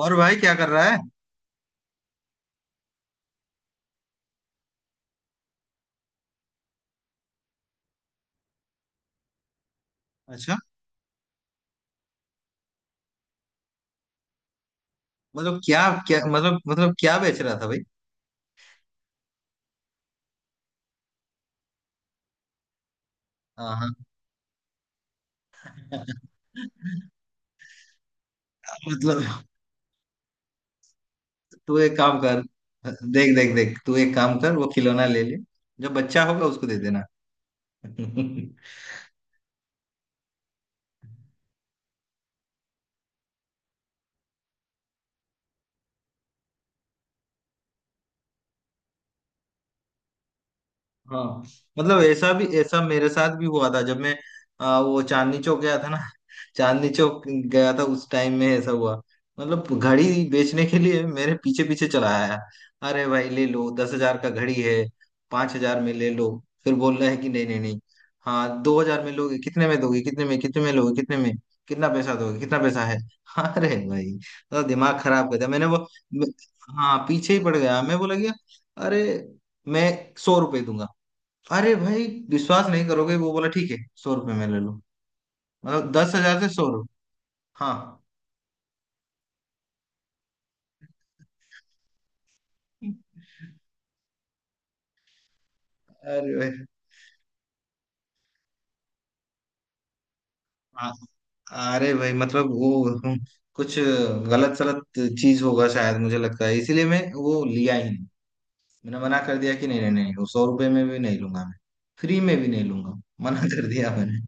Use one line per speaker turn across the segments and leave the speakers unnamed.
और भाई क्या कर रहा है? अच्छा। मतलब क्या? क्या मतलब, क्या बेच रहा था भाई? हाँ हाँ। मतलब तू एक काम कर। देख, देख, देख, तू एक काम कर, वो खिलौना ले ले। जब बच्चा होगा उसको दे देना। हाँ। मतलब ऐसा भी, ऐसा मेरे साथ भी हुआ था। जब मैं वो चांदनी चौक गया था ना। चांदनी चौक गया था उस टाइम में ऐसा हुआ। मतलब घड़ी बेचने के लिए मेरे पीछे पीछे चला आया। अरे भाई ले लो, 10 हजार का घड़ी है। 5 हजार में ले लो। फिर बोल रहा है कि नहीं नहीं नहीं। हाँ, 2 हजार में लोगे, कितने में दोगे, कितने में, कितने में लोगे, कितने में? कितना पैसा दोगे, कितना पैसा है? अरे भाई। तो दिमाग खराब कर दिया मैंने, वो मैं- हाँ, पीछे ही पड़ गया, मैं बोला, गया अरे मैं 100 रुपए दूंगा। अरे भाई, विश्वास नहीं करोगे, वो बोला ठीक है, 100 रुपये में ले लो। मतलब 10 हजार से 100 रुपये। हाँ। अरे भाई। हाँ। अरे भाई मतलब वो कुछ गलत सलत चीज होगा शायद, मुझे लगता है, इसीलिए मैं वो लिया ही नहीं। मैंने मना कर दिया कि नहीं नहीं नहीं, वो 100 रुपये में भी नहीं लूंगा मैं। फ्री में भी नहीं लूंगा। मना कर दिया मैंने।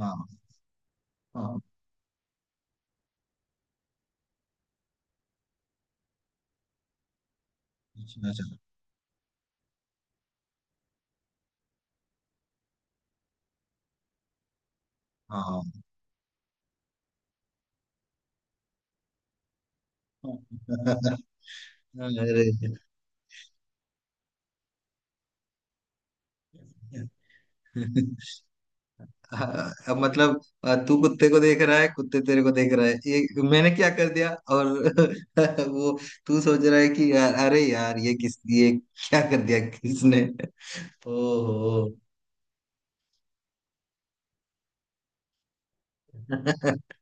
हाँ हाँ। अच्छा अच्छा। हाँ हाँ। अरे। हाँ, अब मतलब तू कुत्ते को देख रहा है, कुत्ते तेरे को देख रहा है, ये मैंने क्या कर दिया और वो, तू सोच रहा है कि यार, अरे यार ये किस ये क्या कर दिया किसने। ओहो। अरे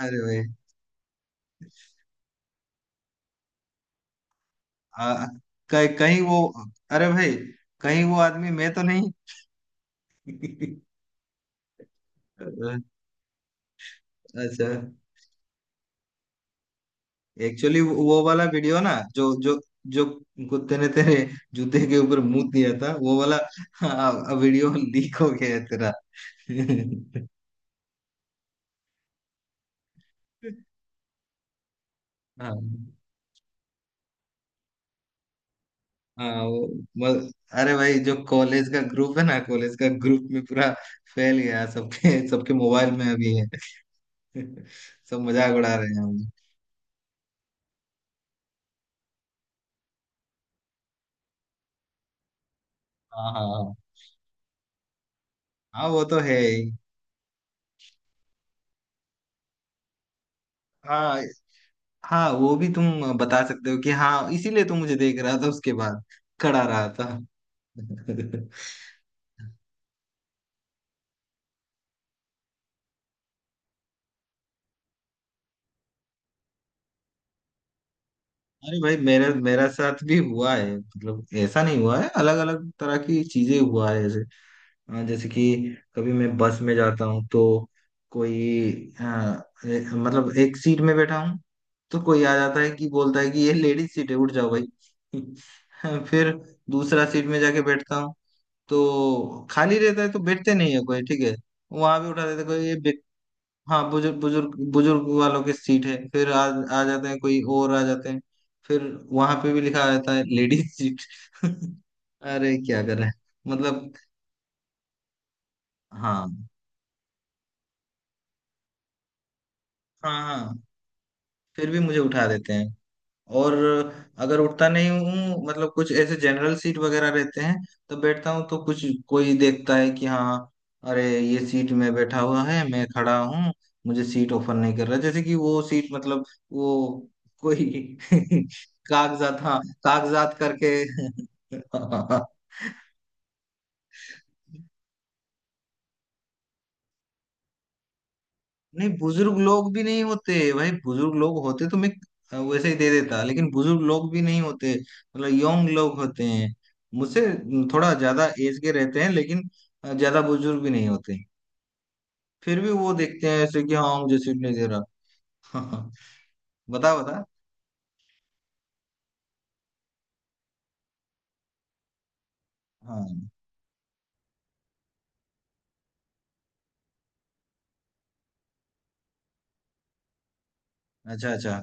भाई। आ, कहीं कहीं वो, अरे भाई कहीं वो आदमी मैं तो नहीं? अच्छा। एक्चुअली वो वाला वीडियो ना, जो जो जो कुत्ते ने तेरे जूते के ऊपर मुंह दिया था, वो वाला वीडियो लीक हो गया है तेरा। हाँ हाँ। वो अरे भाई जो कॉलेज का ग्रुप है ना, कॉलेज का ग्रुप में पूरा फैल गया, सबके सबके मोबाइल में अभी है। सब मजाक उड़ा रहे हैं हम। हाँ हाँ हाँ। हाँ, वो तो है ही। हाँ हाँ, वो भी तुम बता सकते हो कि हाँ इसीलिए तुम मुझे देख रहा था, उसके बाद खड़ा रहा था। अरे भाई मेरा मेरा साथ भी हुआ है, मतलब ऐसा नहीं हुआ है, अलग अलग तरह की चीजें हुआ है। हाँ, जैसे कि कभी मैं बस में जाता हूँ तो कोई मतलब एक सीट में बैठा हूँ, तो कोई आ जाता है कि बोलता है कि ये लेडीज सीट है, उठ जाओ भाई। फिर दूसरा सीट में जाके बैठता हूँ, तो खाली रहता है तो बैठते नहीं है कोई, ठीक है। वहां भी उठा देते कोई, हाँ, बुजुर्ग बुजुर्ग बुजुर्ग वालों की सीट है। फिर आ जाते हैं कोई और आ जाते हैं। फिर वहां पे भी लिखा रहता है लेडीज सीट। अरे क्या करें मतलब। हाँ हाँ हाँ, फिर भी मुझे उठा देते हैं। और अगर उठता नहीं हूँ, मतलब कुछ ऐसे जनरल सीट वगैरह रहते हैं, तो बैठता हूँ, तो कुछ कोई देखता है कि हाँ अरे ये सीट में बैठा हुआ है, मैं खड़ा हूँ, मुझे सीट ऑफर नहीं कर रहा, जैसे कि वो सीट मतलब वो कोई कागजात, हाँ कागजात करके। हाँ, हाँ। नहीं, बुजुर्ग लोग भी नहीं होते भाई, बुजुर्ग लोग होते तो मैं वैसे ही दे देता, लेकिन बुजुर्ग लोग भी नहीं होते, मतलब यंग लोग होते हैं, मुझसे थोड़ा ज्यादा एज के रहते हैं लेकिन ज्यादा बुजुर्ग भी नहीं होते। फिर भी वो देखते हैं ऐसे कि हाँ मुझे सीट नहीं दे रहा। बता बता। हाँ अच्छा अच्छा।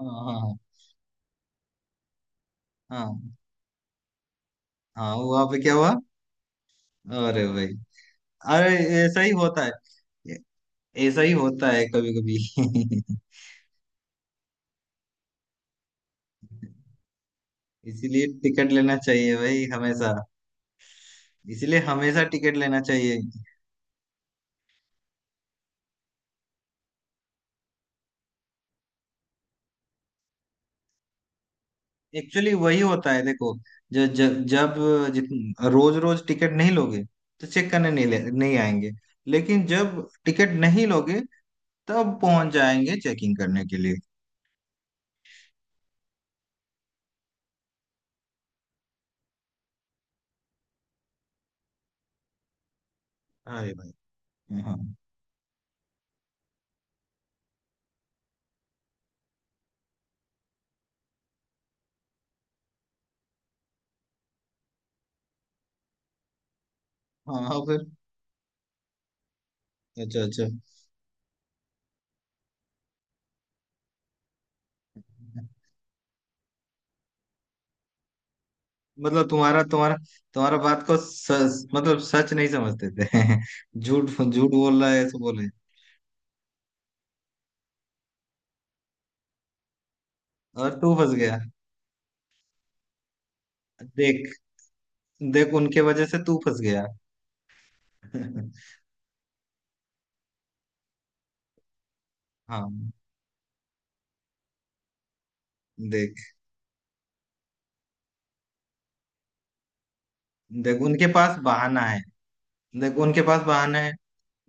हाँ हाँ हाँ हाँ। हाँ, वहाँ पे क्या हुआ? अरे भाई। अरे ऐसा ही होता है, ऐ- ऐसा ही होता है कभी कभी। इसीलिए टिकट लेना चाहिए भाई, हमेशा इसीलिए हमेशा टिकट लेना चाहिए। एक्चुअली वही होता है देखो, जो जब जब जित रोज रोज टिकट नहीं लोगे, तो चेक करने नहीं आएंगे। लेकिन जब टिकट नहीं लोगे, तब पहुंच जाएंगे चेकिंग करने के लिए। अरे भाई। हाँ हाँ। हाँ, फिर अच्छा अच्छा। मतलब तुम्हारा तुम्हारा तुम्हारा बात को मतलब सच नहीं समझते थे। झूठ झूठ बोल रहा है, ऐसे बोले। और तू फंस गया। देख देख उनके वजह से तू फंस गया। हाँ। देख देख उनके पास बहाना है। देख, उनके पास बहाना है।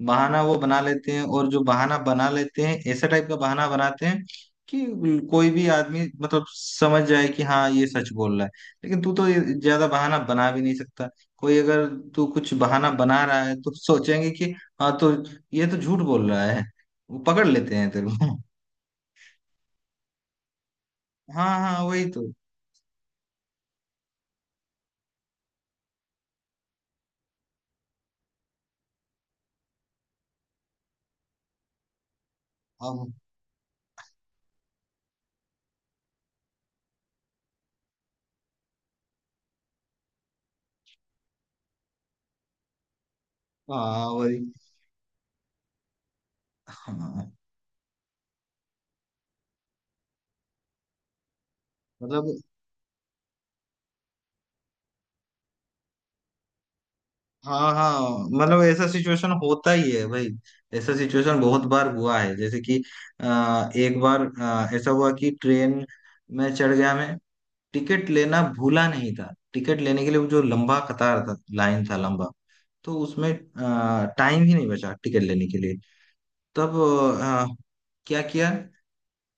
बहाना वो बना लेते हैं, और जो बहाना बना लेते हैं, ऐसे टाइप का बहाना बनाते हैं कि कोई भी आदमी मतलब समझ जाए कि हाँ ये सच बोल रहा है। लेकिन तू तो ये ज्यादा बहाना बना भी नहीं सकता। कोई अगर तू कुछ बहाना बना रहा है, तो सोचेंगे कि हाँ, तो ये तो झूठ बोल रहा है। वो पकड़ लेते हैं तेरे को। हाँ हाँ, वही तो। अब हाँ, वही। हाँ मतलब। हाँ हाँ, मतलब ऐसा सिचुएशन होता ही है भाई। ऐसा सिचुएशन बहुत बार हुआ है, जैसे कि एक बार ऐसा हुआ कि ट्रेन में चढ़ गया मैं, टिकट लेना भूला नहीं था। टिकट लेने के लिए वो जो लंबा कतार था, लाइन था लंबा, तो उसमें टाइम ही नहीं बचा टिकट लेने के लिए। तब अ, क्या किया,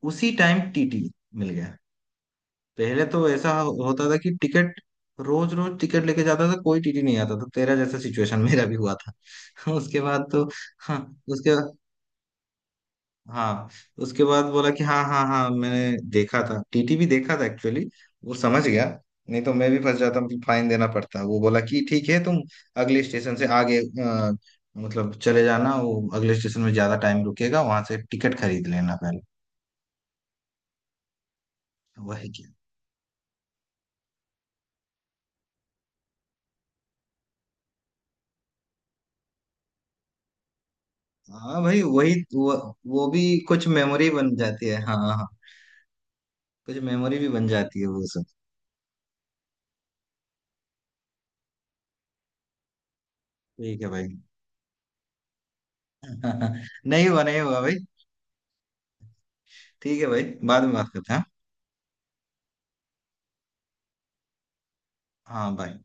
उसी टाइम टीटी मिल गया। पहले तो ऐसा होता था कि टिकट रोज रोज टिकट लेके जाता था, कोई टीटी नहीं आता था, तेरा जैसा सिचुएशन मेरा भी हुआ था। उसके बाद तो हाँ, उसके, हाँ उसके बाद बोला कि हाँ हाँ हाँ, मैंने देखा था टीटी, भी देखा था एक्चुअली। वो समझ गया, नहीं तो मैं भी फंस जाता, मतलब फाइन देना पड़ता। वो बोला कि ठीक है, तुम अगले स्टेशन से आगे मतलब चले जाना, वो अगले स्टेशन में ज्यादा टाइम रुकेगा, वहां से टिकट खरीद लेना पहले। वही। हाँ भाई, वही वो भी कुछ मेमोरी बन जाती है। हाँ हाँ हाँ। कुछ मेमोरी भी बन जाती है वो सब। ठीक है भाई। नहीं हुआ, नहीं हुआ भाई। ठीक है भाई, बाद में बात करते हैं। हाँ बाय।